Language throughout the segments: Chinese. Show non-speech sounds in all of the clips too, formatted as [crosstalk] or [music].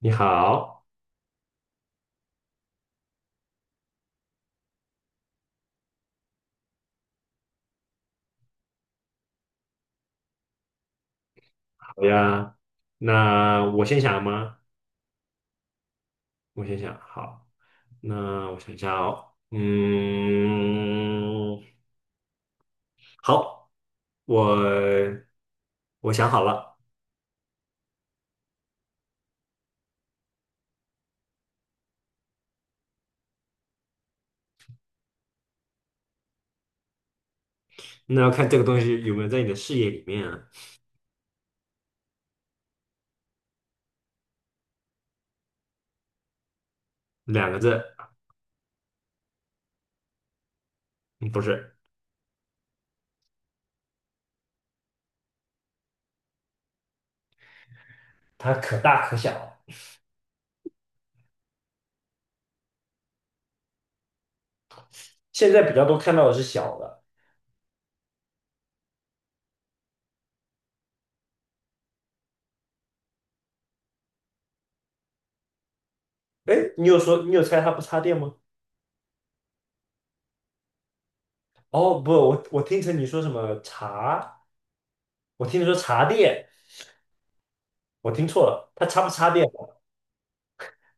你好，好呀。那我先想吗？我先想，好。那我想一下哦，好，我我想好了。那要看这个东西有没有在你的视野里面啊。两个字，嗯不是，它可大可小。现在比较多看到的是小的。哎，你有说你有猜它不插电吗？哦，不，我听成你说什么茶，我听你说茶店，我听错了，它插不插电？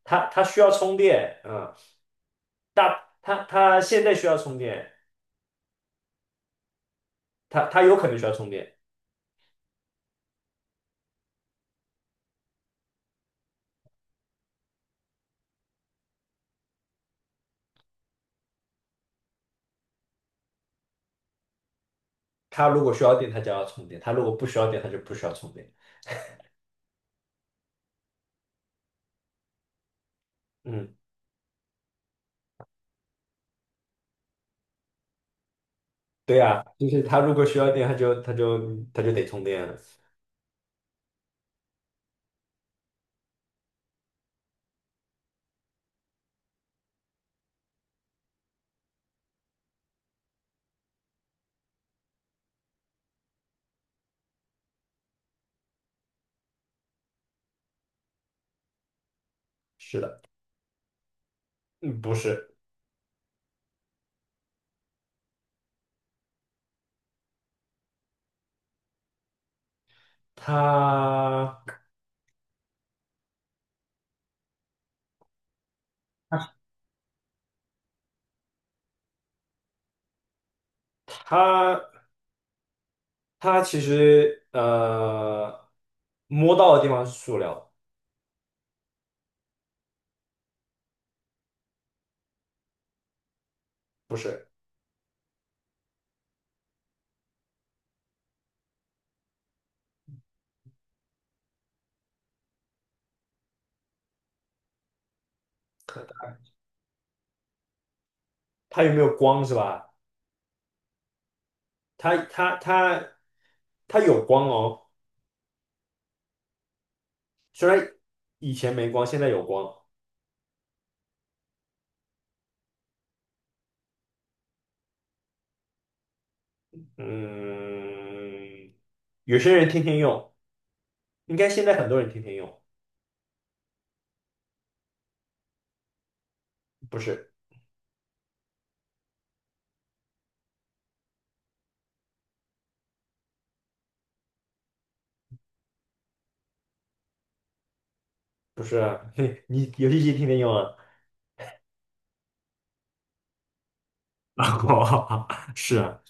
它需要充电，嗯，大它现在需要充电，它有可能需要充电，它如果需要电，它就要充电，它如果不需要电，它就不需要充电，嗯，对呀，就是它如果需要电，它就得充电了，是的，嗯，不是，它它它其实摸到的地方是塑料，不是，它有没有光是吧？它它它它有光哦。虽然以前没光，现在有光。嗯，有些人天天用，应该现在很多人天天用，不是不是啊，[laughs] 你游戏机天天用啊？哦 [laughs] 是啊，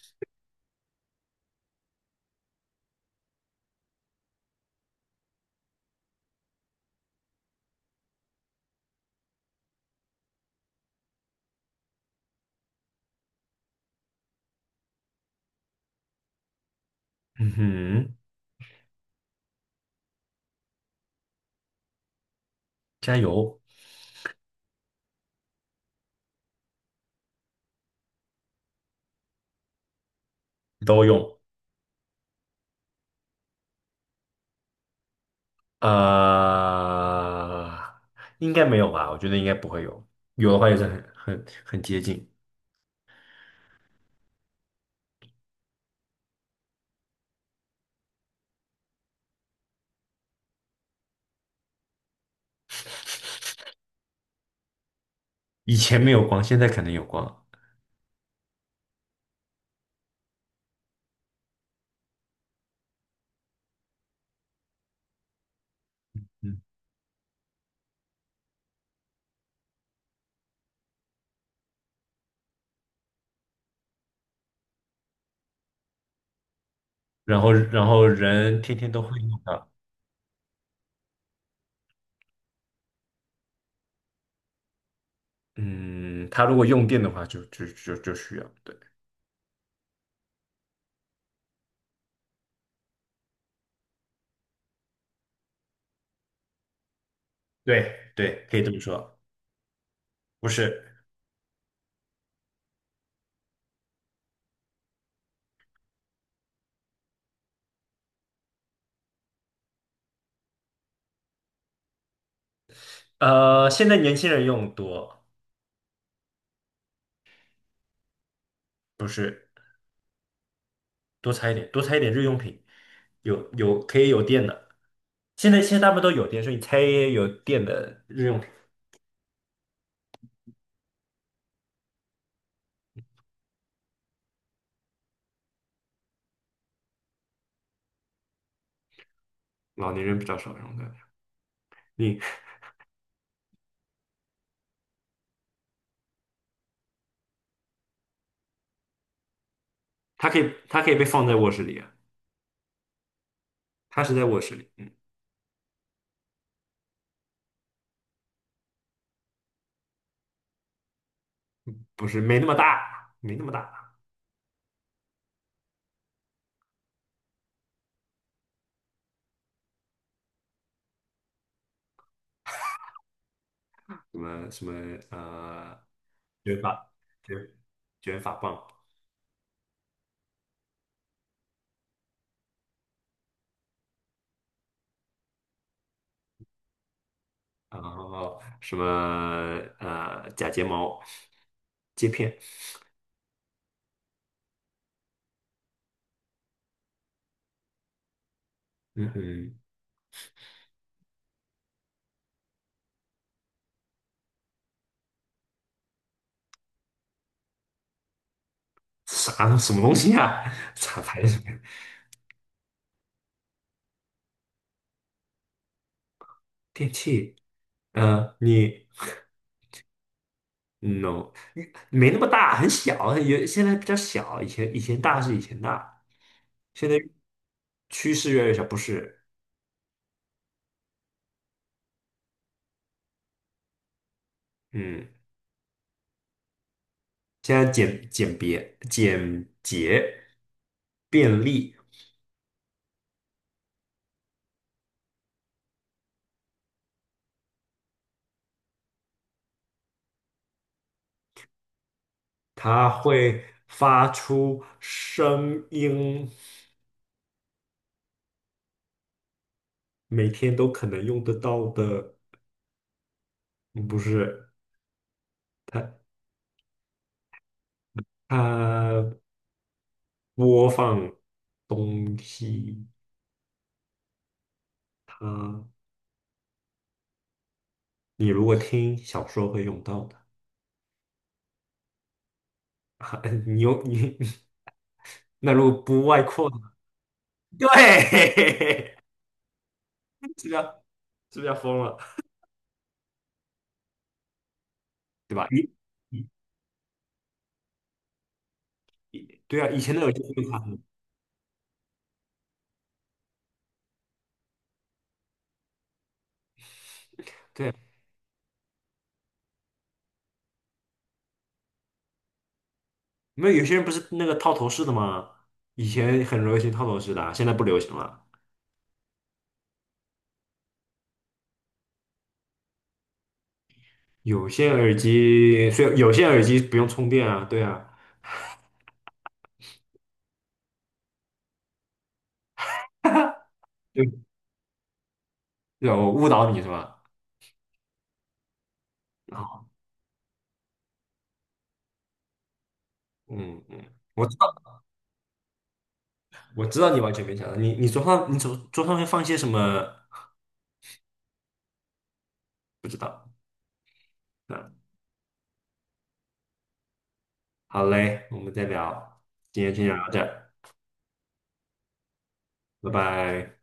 嗯哼，加油，都用。呃，应该没有吧？我觉得应该不会有，有的话也是很接近。以前没有光，现在可能有光。嗯，然后人天天都会用。的。嗯，他如果用电的话就需要。对，对对，可以这么说，不是，现在年轻人用多，不是多猜一点，多猜一点日用品，有可以有电的。现在大部分都有电，所以你猜有电的日用品，老年人比较少用的。你它可以被放在卧室里啊，它是在卧室里，不是没那么大，没那么大。什么什么呃，卷发卷卷发棒。然后什么假睫毛、接片，嗯嗯，啥什么东西啊？[laughs] 啥牌子？[laughs] 电器？嗯，你 no，你没那么大，很小，有现在比较小，以前大，现在趋势越来越小，不是？嗯，现在简简别简洁便利，它会发出声音。每天都可能用得到的，嗯不是它它播放东西，它你如果听小说会用到的，啊你用你 [laughs] 那如果不外扩呢，对，[laughs] 是不是要疯了，对吧？以对啊，以前的游戏对啊，没有有些人不是那个套头式的吗？以前很流行套头式的啊，现在不流行了。有线耳机，所以有线耳机不用充电啊，对啊。对吧我误导你是吧？[laughs] 好，嗯嗯，我知道，我知道你完全没想到，你桌上会放些什么？不知道。嗯，好嘞，我们再聊，今天先聊到这儿，拜拜。